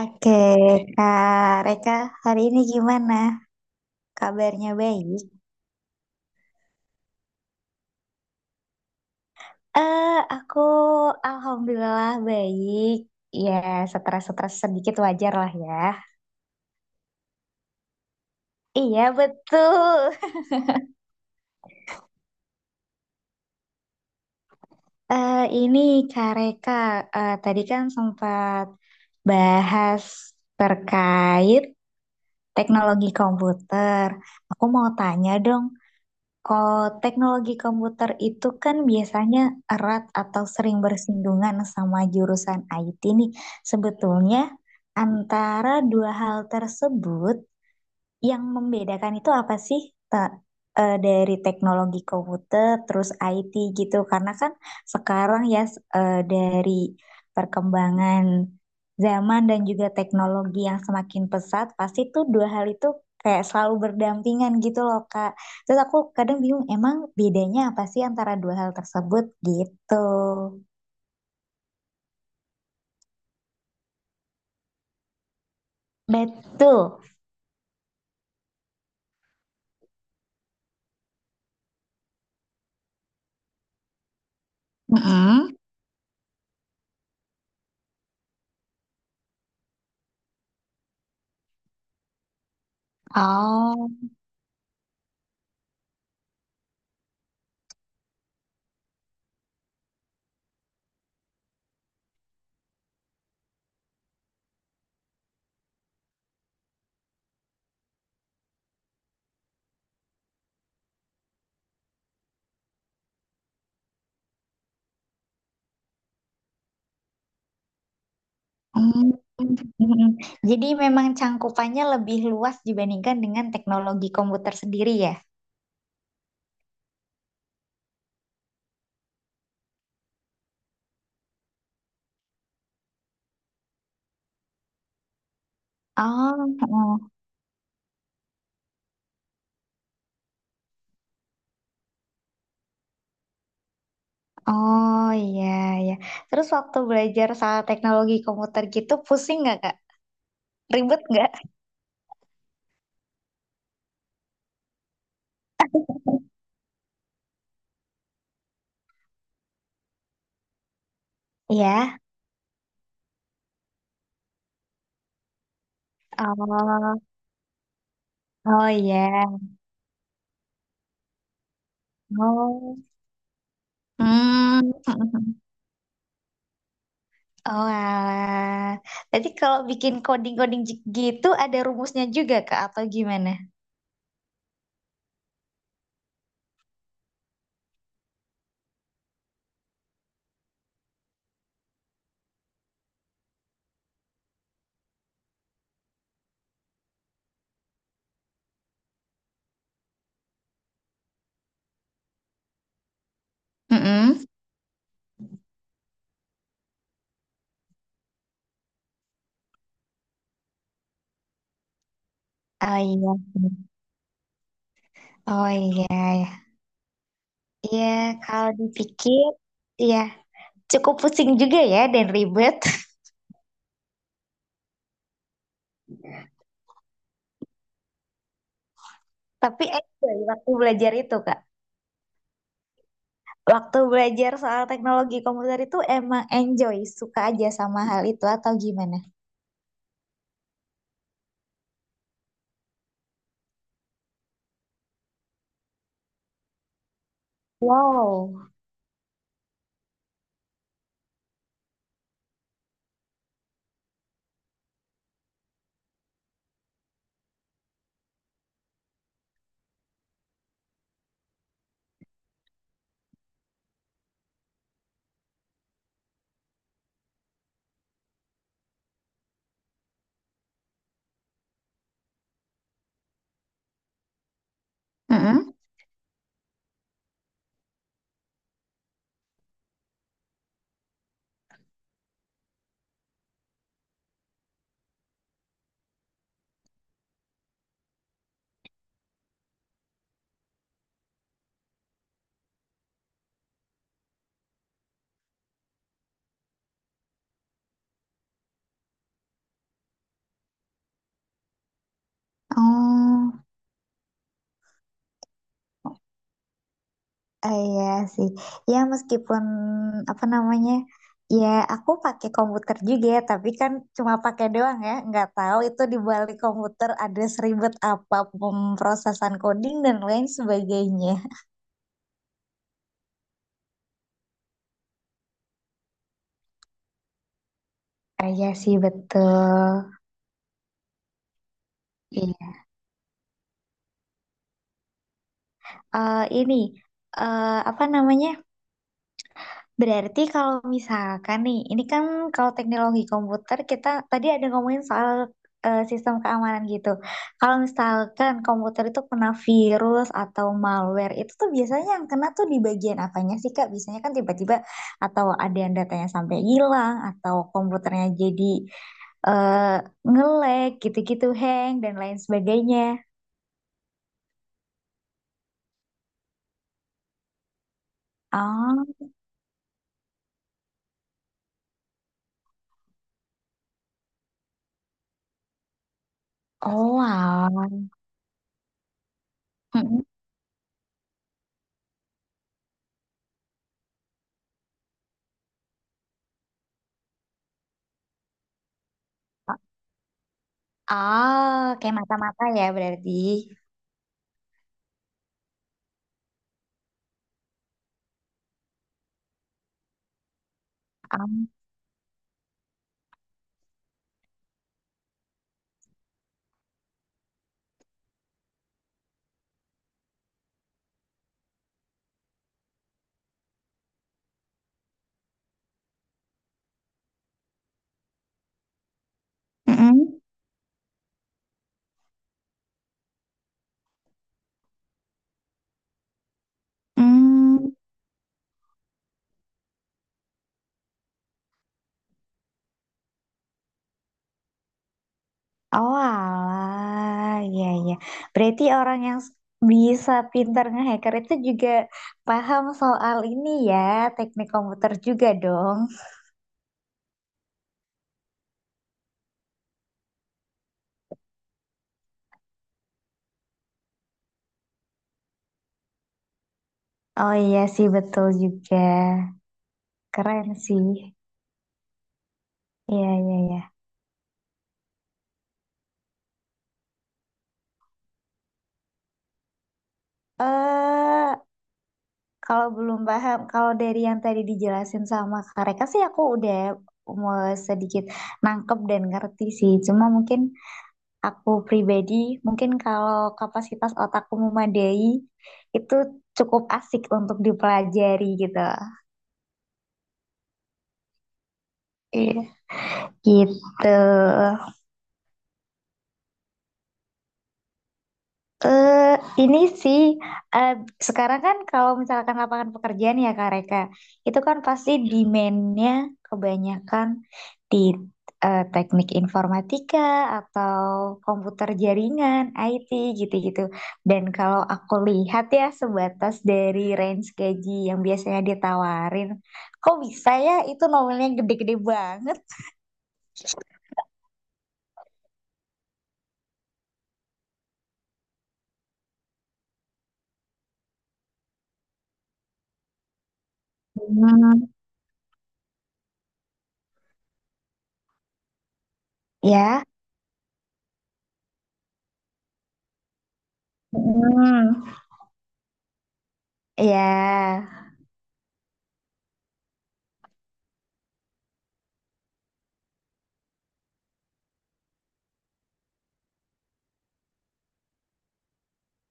Oke, Kak Reka, hari ini gimana? Kabarnya baik? Eh, aku alhamdulillah baik. Ya, stres-stres sedikit wajar lah ya. Iya, betul. Eh, ini Kak Reka, tadi kan sempat bahas terkait teknologi komputer. Aku mau tanya dong, oh, teknologi komputer itu kan biasanya erat atau sering bersinggungan sama jurusan IT nih. Sebetulnya antara dua hal tersebut yang membedakan itu apa sih Ta- dari teknologi komputer terus IT gitu? Karena kan sekarang ya dari perkembangan zaman dan juga teknologi yang semakin pesat, pasti tuh dua hal itu kayak selalu berdampingan gitu loh, Kak. Terus aku kadang bingung, emang bedanya apa sih antara dua hal tersebut gitu? Betul. Mm-mm. Oh. Hmm, hmm. Jadi memang cangkupannya lebih luas dibandingkan dengan teknologi komputer sendiri ya. Oh, oh, oh iya ya. Terus waktu belajar soal teknologi komputer gitu pusing nggak Kak? Ribet nggak? Iya. Oh, oh iya. Oh. Hmm. Oh, alah. Berarti kalau bikin coding-coding gitu ada rumusnya juga Kak atau gimana? Mm-mm. Oh iya. Oh iya, iya. Iya, kalau dipikir, iya cukup pusing juga ya dan ribet. Tapi enjoy waktu belajar itu, Kak. Waktu belajar soal teknologi komputer itu emang enjoy, suka aja sama hal itu atau gimana? Wow. Mm-mm. Oh, iya sih. Ya meskipun apa namanya, ya aku pakai komputer juga, ya, tapi kan cuma pakai doang ya. Nggak tahu itu di balik komputer ada seribet apa pemrosesan coding dan lain sebagainya. Ah, iya sih betul. Iya. Ini apa namanya? Berarti kalau misalkan nih, ini kan kalau teknologi komputer kita tadi ada ngomongin soal sistem keamanan gitu. Kalau misalkan komputer itu kena virus atau malware, itu tuh biasanya yang kena tuh di bagian apanya sih Kak? Biasanya kan tiba-tiba atau ada yang datanya sampai hilang atau komputernya jadi eh nge-lag gitu-gitu, hang dan lain sebagainya. Oh, oh, alah. Mm-mm. Oh, kayak mata-mata ya berarti. Um, mm-mm. Mm. Oh, alah. Iya, iya. Berarti orang yang bisa pintar ngehacker itu juga paham soal ini ya, teknik komputer juga dong. Oh iya sih, betul juga. Keren sih. Iya, iya, iya. Eh Kalau belum paham, kalau dari yang tadi dijelasin sama Kak Reka sih aku udah mau sedikit nangkep dan ngerti sih. Cuma mungkin aku pribadi, mungkin kalau kapasitas otakku memadai, itu cukup asik untuk dipelajari gitu. Iya. Gitu. Eh, ini sih eh, sekarang kan kalau misalkan lapangan pekerjaan ya Kak Reka, itu kan pasti demand-nya kebanyakan di teknik informatika atau komputer jaringan, IT gitu-gitu. Dan kalau aku lihat ya sebatas dari range gaji yang biasanya ditawarin, kok bisa ya itu nominalnya gede-gede banget? Hmm, ya. Hmm, ya.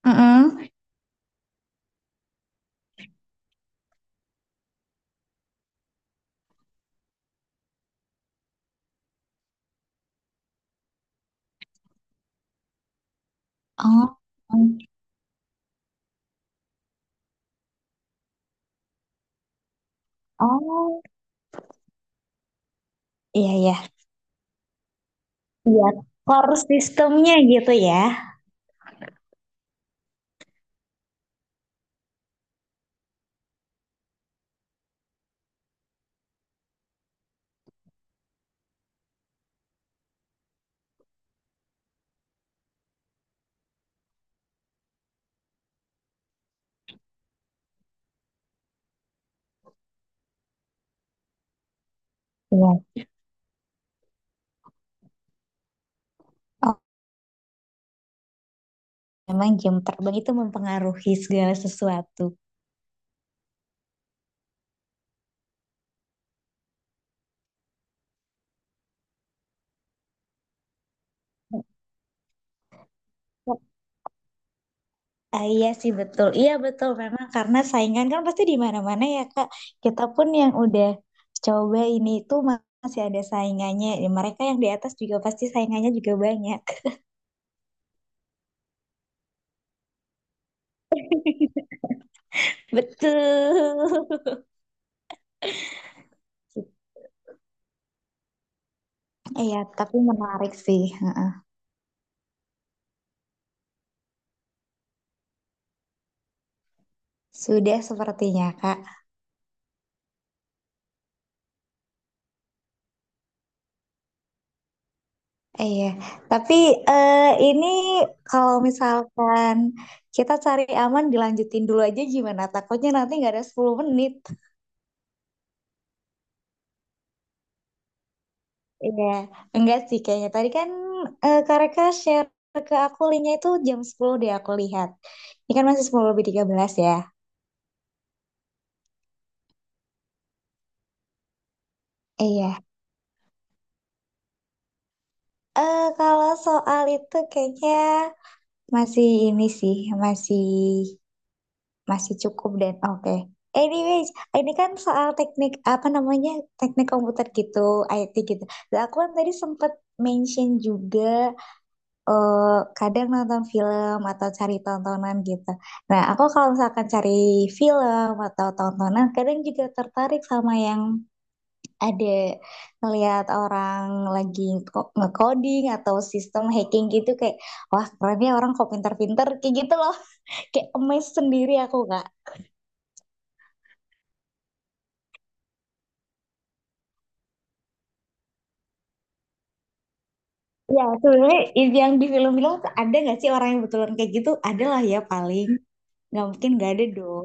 Mm-mm. Oh. Oh, iya ya. Iya, core sistemnya gitu ya. Iya. Oh, memang jam terbang itu mempengaruhi segala sesuatu. Ah, iya sih betul. Iya betul memang karena saingan kan pasti di mana-mana ya Kak. Kita pun yang udah coba ini itu masih ada saingannya. Ya, mereka yang di atas juga pasti saingannya juga banyak. Betul. Iya, tapi menarik sih. Heeh. Sudah sepertinya Kak. Iya, tapi eh, ini kalau misalkan kita cari aman dilanjutin dulu aja gimana? Takutnya nanti nggak ada 10 menit. Iya, enggak sih kayaknya. Tadi kan Kak Reka share ke aku linknya itu jam 10 deh aku lihat. Ini kan masih 10 lebih 13 ya. Iya. Kalau soal itu kayaknya masih ini sih, masih Masih cukup dan oke. Anyways, ini kan soal teknik apa namanya teknik komputer gitu, IT gitu. Nah, aku kan tadi sempet mention juga, kadang nonton film atau cari tontonan gitu. Nah, aku kalau misalkan cari film atau tontonan, kadang juga tertarik sama yang ada ngelihat orang lagi nge-coding atau sistem hacking gitu kayak wah keren ya orang kok pinter-pinter kayak gitu loh, kayak amazed sendiri aku Kak. Ya, sebenarnya yang di film-film tuh ada nggak sih orang yang betulan kayak gitu? Ada lah ya paling. Nggak mungkin nggak ada dong.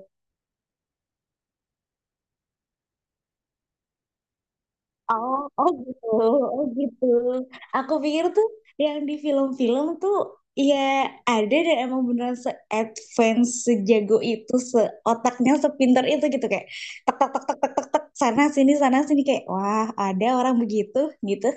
Oh, oh gitu, oh gitu. Aku pikir tuh yang di film-film tuh ya ada dan emang beneran se-advance, sejago itu, seotaknya, sepinter itu gitu kayak tek tek tek tek tek tek tek sana sini kayak wah ada orang begitu gitu.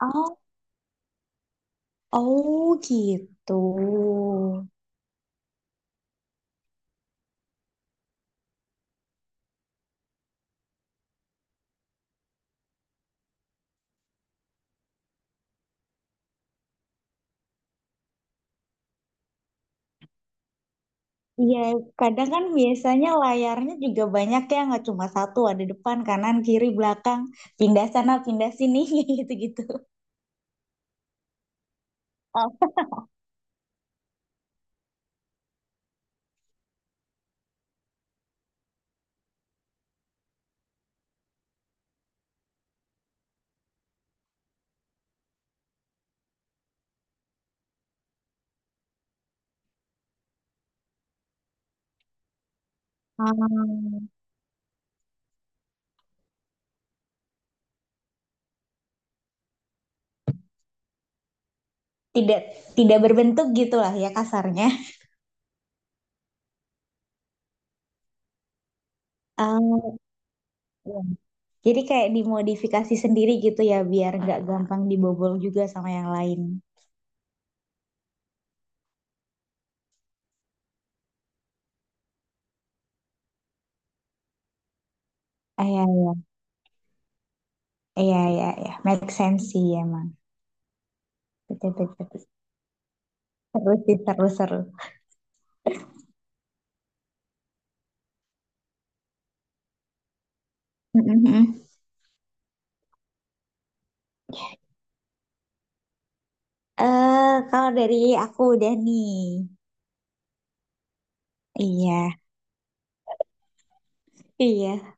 Oh, oh gitu. Iya, kadang kan biasanya layarnya juga banyak ya, nggak cuma satu, ada depan, kanan, kiri, belakang, pindah sana, pindah sini, kayak gitu-gitu. Oh, hmm, tidak, tidak berbentuk gitulah ya kasarnya. Oh, iya. Jadi kayak dimodifikasi sendiri gitu ya, biar nggak gampang dibobol juga sama yang lain. Ah, iya, iya, iya, iya, iya. Make sense sih emang. Betul, betul, betul. Seru sih, seru, seru. Mm, mm, mm. Eh, kalau dari aku udah nih. Iya, iya.